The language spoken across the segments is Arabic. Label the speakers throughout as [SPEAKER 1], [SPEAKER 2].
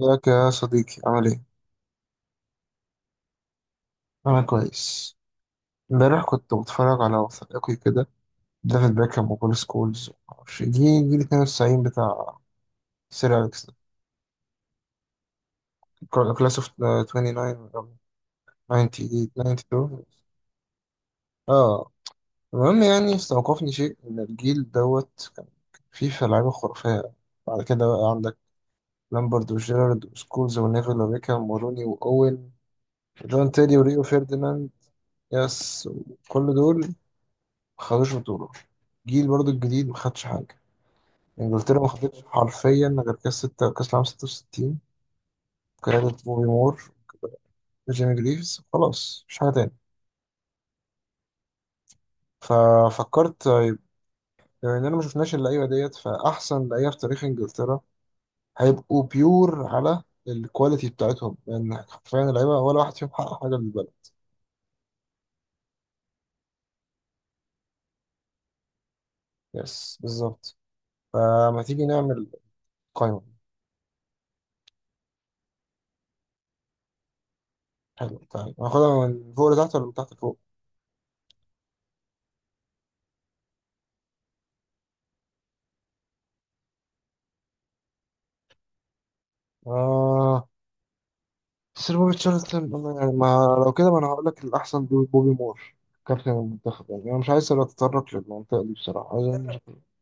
[SPEAKER 1] ازيك يا صديقي؟ عامل ايه؟ انا كويس. امبارح كنت بتفرج على وثائقي كده، ديفيد بيكهام وبول سكولز، معرفش جيل 92 بتاع سير اليكس، كلاس اوف 29 أو 90، 92. اه المهم يعني استوقفني شيء ان الجيل دوت كان فيه لعيبه خرافيه. بعد كده بقى عندك لامبرد وجيرارد وسكولز ونيفل وبيكهام وروني واوين وجون تيري وريو فيرديناند. يس، كل دول ما خدوش بطولة. جيل برضو الجديد ما خدش حاجة. انجلترا ما خدتش حرفيا غير كاس ستة، كاس العالم 66 قيادة بوبي مور، جيمي جريفز، خلاص مش حاجة تاني. ففكرت طيب، بما اننا ما شفناش اللعيبة ديت، فأحسن لعيبة في تاريخ انجلترا هيبقوا بيور على الكواليتي بتاعتهم، لأن حرفيا اللعيبة ولا واحد فيهم حقق حاجة للبلد. يس بالظبط. فما تيجي نعمل قائمة. حلو، تعالى هناخدها من فوق لتحت ولا من تحت لفوق؟ آه، بس بوبي تشارلتون أنا يعني ما لو كده، ما انا هقول لك الاحسن دول بوبي مور، كابتن المنتخب. يعني انا مش عايز اتطرق للمنطقه دي بصراحه، عايز أنا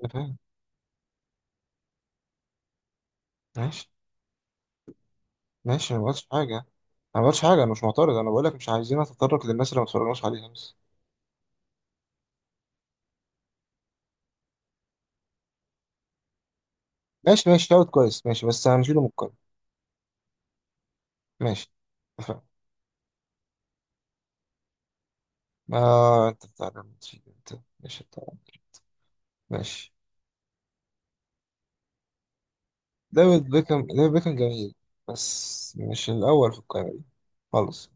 [SPEAKER 1] أنا فاهم. ماشي ماشي، أنا ما بقولش حاجه. ما بقولش حاجه، انا مش معترض، انا بقول لك مش عايزين اتطرق للناس اللي ما اتفرجناش عليها بس. ماشي ماشي، شوت كويس، ماشي بس هنشيله من القايمه. ماشي، اتفقنا. آه انت بتعلم تشيل، انت ماشي بتاع. ماشي. ديفيد بيكهام، ديفيد بيكهام جميل، بس مش الاول في القايمه دي خالص.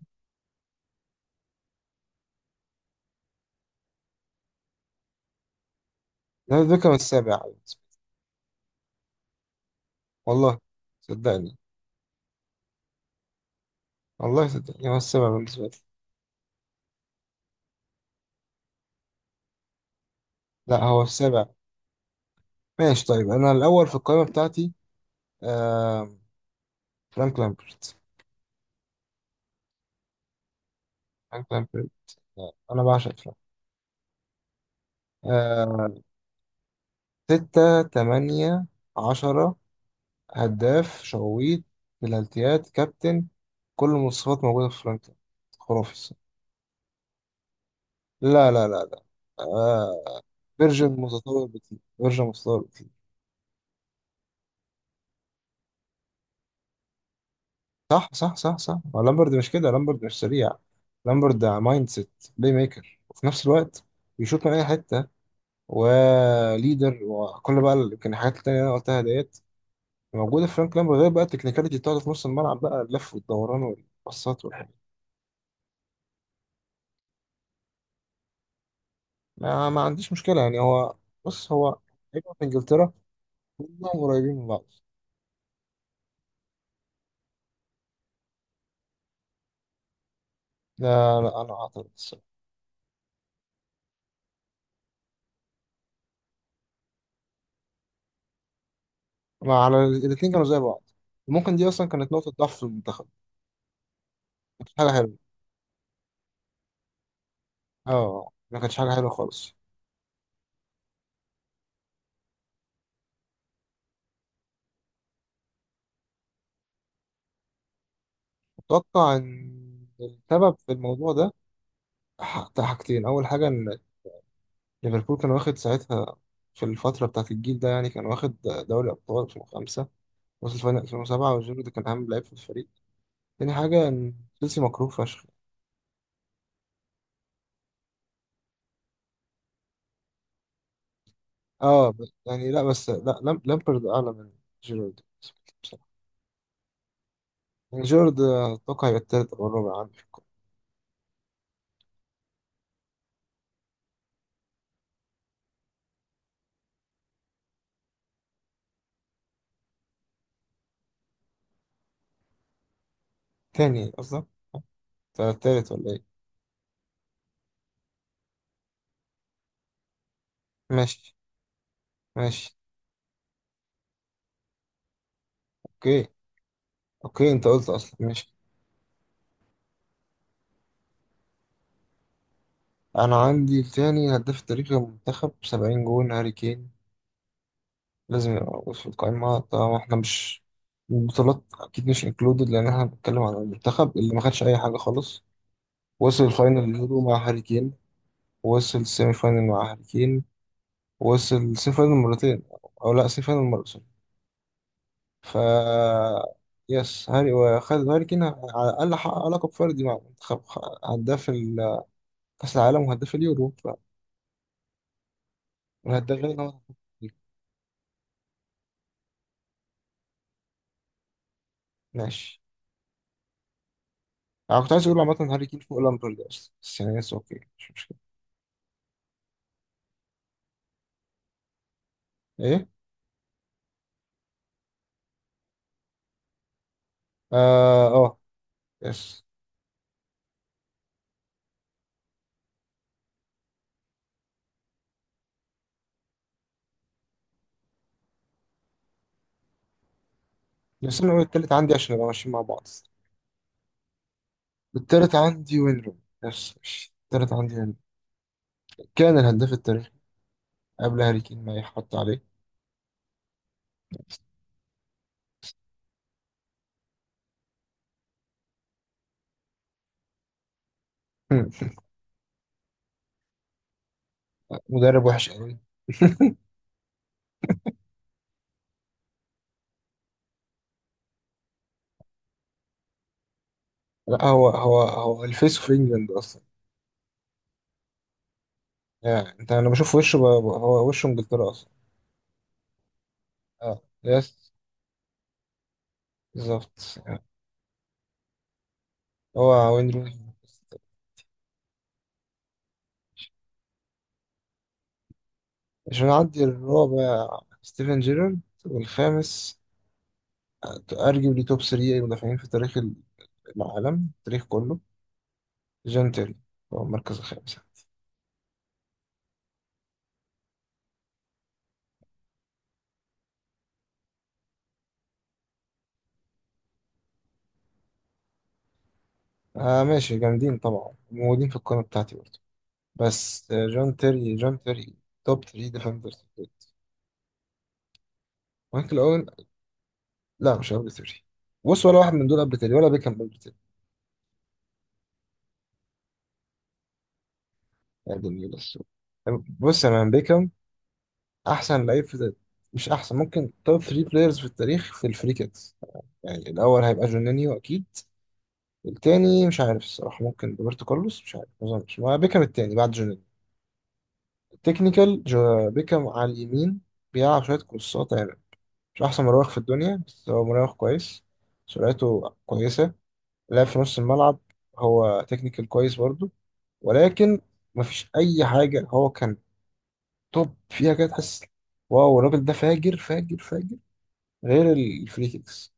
[SPEAKER 1] ديفيد بيكهام السابع. والله صدقني، والله صدقني هو السابع بالنسبة لي. لا، هو السابع. ماشي طيب، أنا الأول في القائمة بتاعتي آه، فرانك لامبرت. فرانك لامبرت آه، أنا بعشق فرانك. آه، ستة، تمانية، عشرة، هداف، شويت بلالتيات، كابتن، كل المواصفات موجودة في فرانك لامبرت. خرافي الصراحة. لا لا لا لا، آه. فيرجن متطور بكتير، فيرجن متطور. صح صح صح صح، هو لامبرد مش كده، لامبرد مش سريع. لامبرد مايند سيت، بلاي ميكر، وفي نفس الوقت بيشوط من اي حته، وليدر، وكل بقى يمكن الحاجات التانية اللي انا قلتها ديت موجوده في فرانك لامبرد، غير بقى التكنيكاليتي بتاعته في نص الملعب بقى، اللف والدوران والباصات والحاجات دي. ما عنديش مشكله، يعني هو، بص هو لعيبه في انجلترا، كلهم قريبين من بعض. لا لا، انا اعترض الصراحه. ما على الاثنين كانوا زي بعض، ممكن دي اصلا كانت نقطه ضعف في المنتخب. كانت حاجه حلوه. اه، ما كانتش حاجه حلوه خالص. أتوقع إن السبب في الموضوع ده حاجتين. أول حاجة إن ليفربول كان واخد ساعتها، في الفترة بتاعة الجيل ده يعني، كان واخد دوري أبطال 2005، وصل فاينل 2007، وجيرو كان أهم لعيب في الفريق. تاني حاجة إن تشيلسي مكروه فشخ. أه، يعني لا بس لا لامبرد أعلى من جيرارد بصراحة. يعني جيرارد أتوقع يبقى التالت أو الرابع عندي في القائمة. تاني قصدك؟ التالت ولا إيه؟ ماشي ماشي. أوكي أوكي، أنت قلت أصلا ماشي. انا عندي تاني هداف تاريخي المنتخب 70 جون هاري كين، لازم يبقى موجود في القائمة طبعا. احنا مش البطولات اكيد، مش انكلودد، لان احنا بنتكلم عن المنتخب اللي ما خدش اي حاجة خالص. وصل الفاينل اليورو مع هاري كين، وصل السيمي فاينل مع هاري كين، وصل السيمي فاينل مرتين، او لا، سيمي فاينل مرة، سوري. ف يس، هاري وخد، هاري كين على الاقل حقق لقب فردي مع المنتخب، هداف كاس العالم وهداف اليورو. فالهدافين هو. ماشي، انا كنت عايز اقول عامة هاري كين فوق لامبرد اصلا السنة، بس يعني يس، اوكي، مش مشكلة. ايه؟ اه اه، يس. بس انا اقول التالت عندي عشان نبقى ماشيين مع بعض. التالت عندي وين روني، يس ماشي، التالت عندي وين روني. كان الهداف التاريخي قبل هاري كين ما يحط عليه. هم. مدرب وحش قوي. لا، هو الفيس في انجلاند اصلا. يعني انت، انا بشوف وشه هو وشه انجلترا اصلا. اه يس، بالظبط. يعني هو وين روني. عشان عندي الرابع ستيفن جيرارد، والخامس ارجيولي، توب 3 مدافعين في تاريخ العالم، التاريخ كله، جون تيري هو المركز الخامس. آه ماشي، جامدين طبعا، موجودين في القائمة بتاعتي برضه، بس آه، جون تيري توب 3 ديفندرز. مايكل اوين، لا مش قبل تيري. بص، ولا واحد من دول قبل تيري، ولا بيكهام قبل تيري. يا دنيا بس. بص يا مان، بيكهام احسن لعيب في ده. مش احسن، ممكن توب 3 بلايرز في التاريخ في الفري كيكس. يعني الاول هيبقى جونينيو اكيد. التاني مش عارف الصراحة، ممكن روبرتو كارلوس، مش عارف، ما اظنش، ما بيكهام التاني بعد جونيور. التكنيكال جو بيكهام على اليمين، بيلعب شوية كورسات يعني. مش أحسن مراوغ في الدنيا، بس هو مراوغ كويس. سرعته كويسة، لعب في نص الملعب، هو تكنيكال كويس برضه، ولكن مفيش أي حاجة هو كان توب فيها كده تحس واو الراجل ده فاجر فاجر فاجر غير الفري كيكس.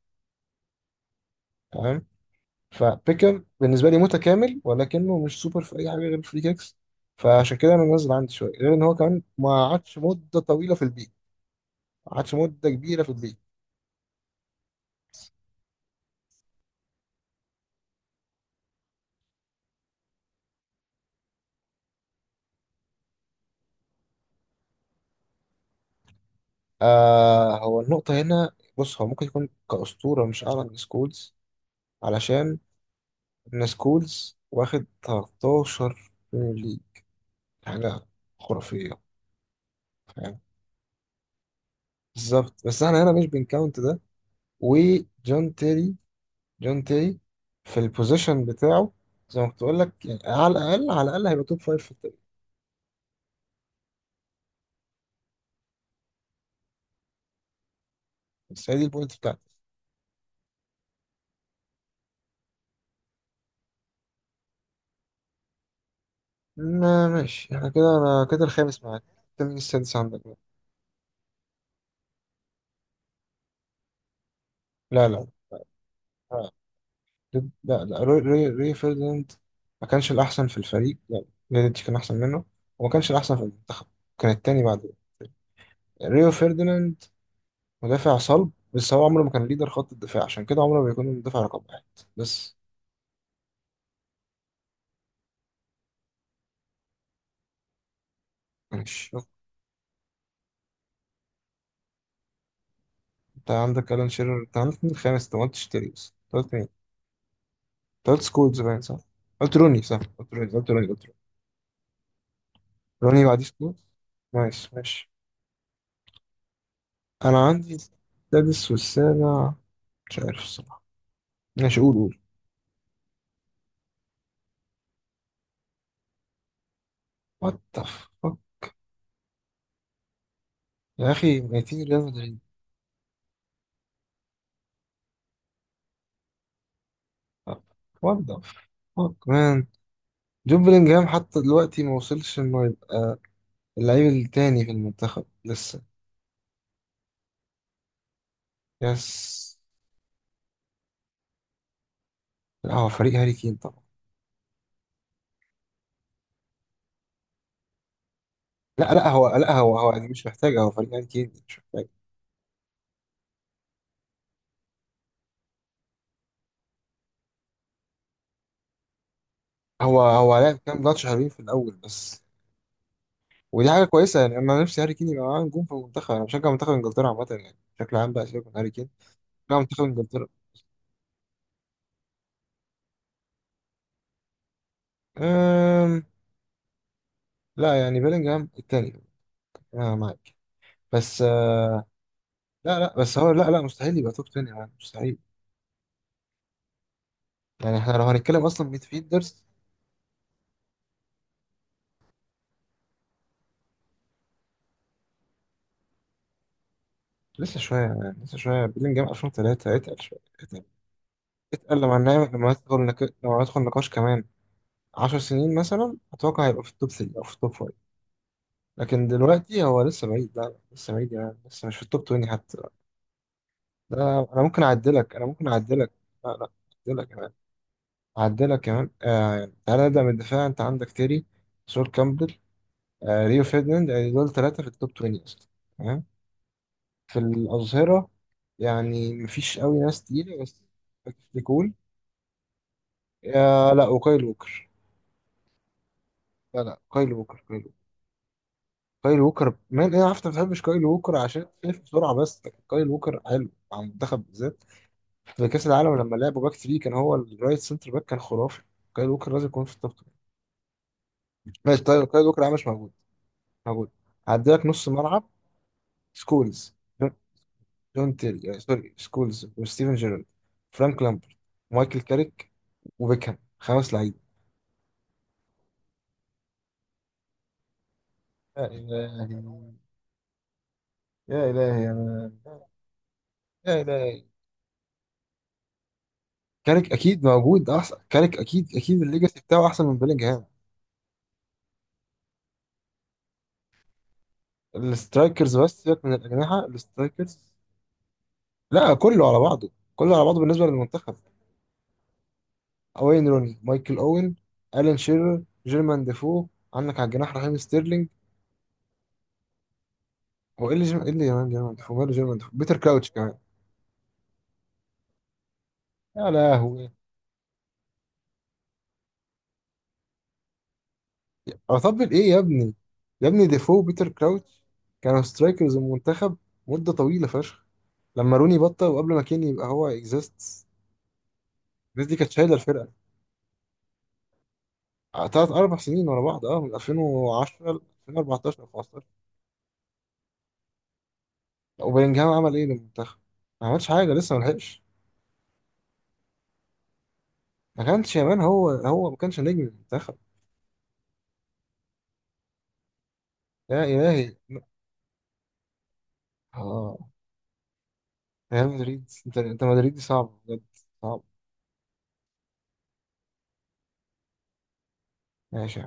[SPEAKER 1] فبيكر بالنسبه لي متكامل، ولكنه مش سوبر في اي حاجه غير الفري كيكس. فعشان كده انا منزل عندي شويه، غير ان هو كمان ما قعدش مده طويله في البيك، ما قعدش مده كبيره في البيك. آه، هو النقطه هنا، بص هو ممكن يكون كاسطوره، مش اعلى من سكولز، علشان ان سكولز واخد 13 بريمير ليج، حاجه خرافيه. فاهم، بالظبط، بس احنا هنا مش بنكاونت ده. وجون تيري، جون تيري في البوزيشن بتاعه، زي ما كنت بقول لك يعني، على الاقل على الاقل هيبقى توب فايف في التاريخ. بس هي دي البوينت بتاعتي. ما ماشي، احنا كده، انا كده الخامس معاك. انت مين السادس عندك بقى؟ لا لا آه، لا. لا روي، روي فيرديناند ما كانش الاحسن في الفريق، لا فيديتش كان احسن منه، وما كانش الاحسن في المنتخب، كان التاني بعده. ريو فيرديناند مدافع صلب، بس هو عمره ما كان ليدر خط الدفاع، عشان كده عمره ما بيكون المدافع رقم واحد بس. ماشي، انت عندك الان شيرر، انت عندك مين الخامس؟ انت ما قلتش تيري، بس انت قلت مين؟ انت قلت سكولز، باين صح؟ قلت روني صح؟ قلت روني. قلت روني. روني، بعديه سكولز. ماشي ماشي. انا عندي السادس والسابع مش عارف الصراحة. ماشي، قول قول. وات ذا فك، يا اخي ميتين ريال مدريد. وات ذا فك مان، جون بلينجهام حتى دلوقتي ما وصلش انه يبقى اللعيب التاني في المنتخب لسه. يس. لا، هو فريق هاري كين طبعا. لا لا هو، لا هو يعني مش محتاج، هو فريق هاري كين، مش محتاج. هو لعب كام ماتش حلوين في الاول بس. ودي حاجه كويسه يعني، انا نفسي هاري كين يبقى معاه نجوم في المنتخب، انا بشجع منتخب انجلترا عامه، يعني بشكل عام، بقى سيبك من هاري كين. بشجع منتخب انجلترا. أم... لا يعني بيلينجهام التاني، انا معاك، بس آه... لا لا بس هو، لا لا، مستحيل يبقى توب 10، يعني مستحيل. يعني احنا لو هنتكلم اصلا ميدفيلدرز. لسه شويه بيلينجهام 2003، اتقل شويه، اتقل لما نعمل، لما ندخل لما ندخل نقاش كمان 10 سنين مثلا، اتوقع هيبقى في التوب 3 او في التوب 5، لكن دلوقتي هو لسه بعيد، لا لا، لسه بعيد، يعني لسه مش في التوب 20 حتى. لا انا ممكن اعدلك. لا لا، اعدلك كمان آه. تعالى نبدا من الدفاع، انت عندك تيري، سول كامبل، آه ريو فيرديناند، يعني دول ثلاثه في التوب 20 اصلا، تمام. في الاظهره يعني مفيش قوي ناس تقيله بس تكون آه، لا، وكايل ووكر. لا لا، كايل ووكر. كايل ووكر مان، انا عارف انت ما بتحبش كايل ووكر عشان شايف بسرعه، بس لكن كايل ووكر حلو مع المنتخب بالذات في كأس العالم، لما لعبوا باك 3 كان هو الرايت سنتر باك، كان خرافي. كايل ووكر لازم يكون في التوب 3. ماشي طيب، كايل ووكر عامل مش موجود. موجود، هعدلك نص ملعب: سكولز، جون, جون تيري آه، سوري، سكولز وستيفن جيرارد، فرانك لامبرت، مايكل كاريك، وبيكهام. خمس لعيبه. يا إلهي، يا إلهي أنا يا إلهي. كاريك اكيد موجود، احسن، كاريك اكيد اكيد الليجاسي بتاعه احسن من بيلينجهام. السترايكرز، بس سيبك من الاجنحه، السترايكرز. لا، كله على بعضه، كله على بعضه بالنسبه للمنتخب: وين روني، مايكل اوين، الان شيرر، جيرمان ديفو، عندك على الجناح رحيم ستيرلينج. هو ايه اللي جيرمان، ايه اللي جيرمان ديفو؟ ماله جيرمان ديفو؟ بيتر كراوتش كمان. يا لهوي، اطبل ايه يا ابني؟ يا ابني ديفو وبيتر كراوتش كانوا سترايكرز المنتخب مدة طويلة فشخ، لما روني بطل وقبل ما كين يبقى هو اكزيست. الناس دي كانت شايلة الفرقة، تلات أربع سنين ورا بعض، اه، من 2010 ل 2014 أو 15. وبيلينجهام عمل ايه للمنتخب؟ ما عملش حاجة، لسه ما لحقش، ما كانش يا مان، هو ما كانش نجم المنتخب. يا إلهي. اه ريال مدريد، أنت مدريدي صعب بجد، صعب. ماشي.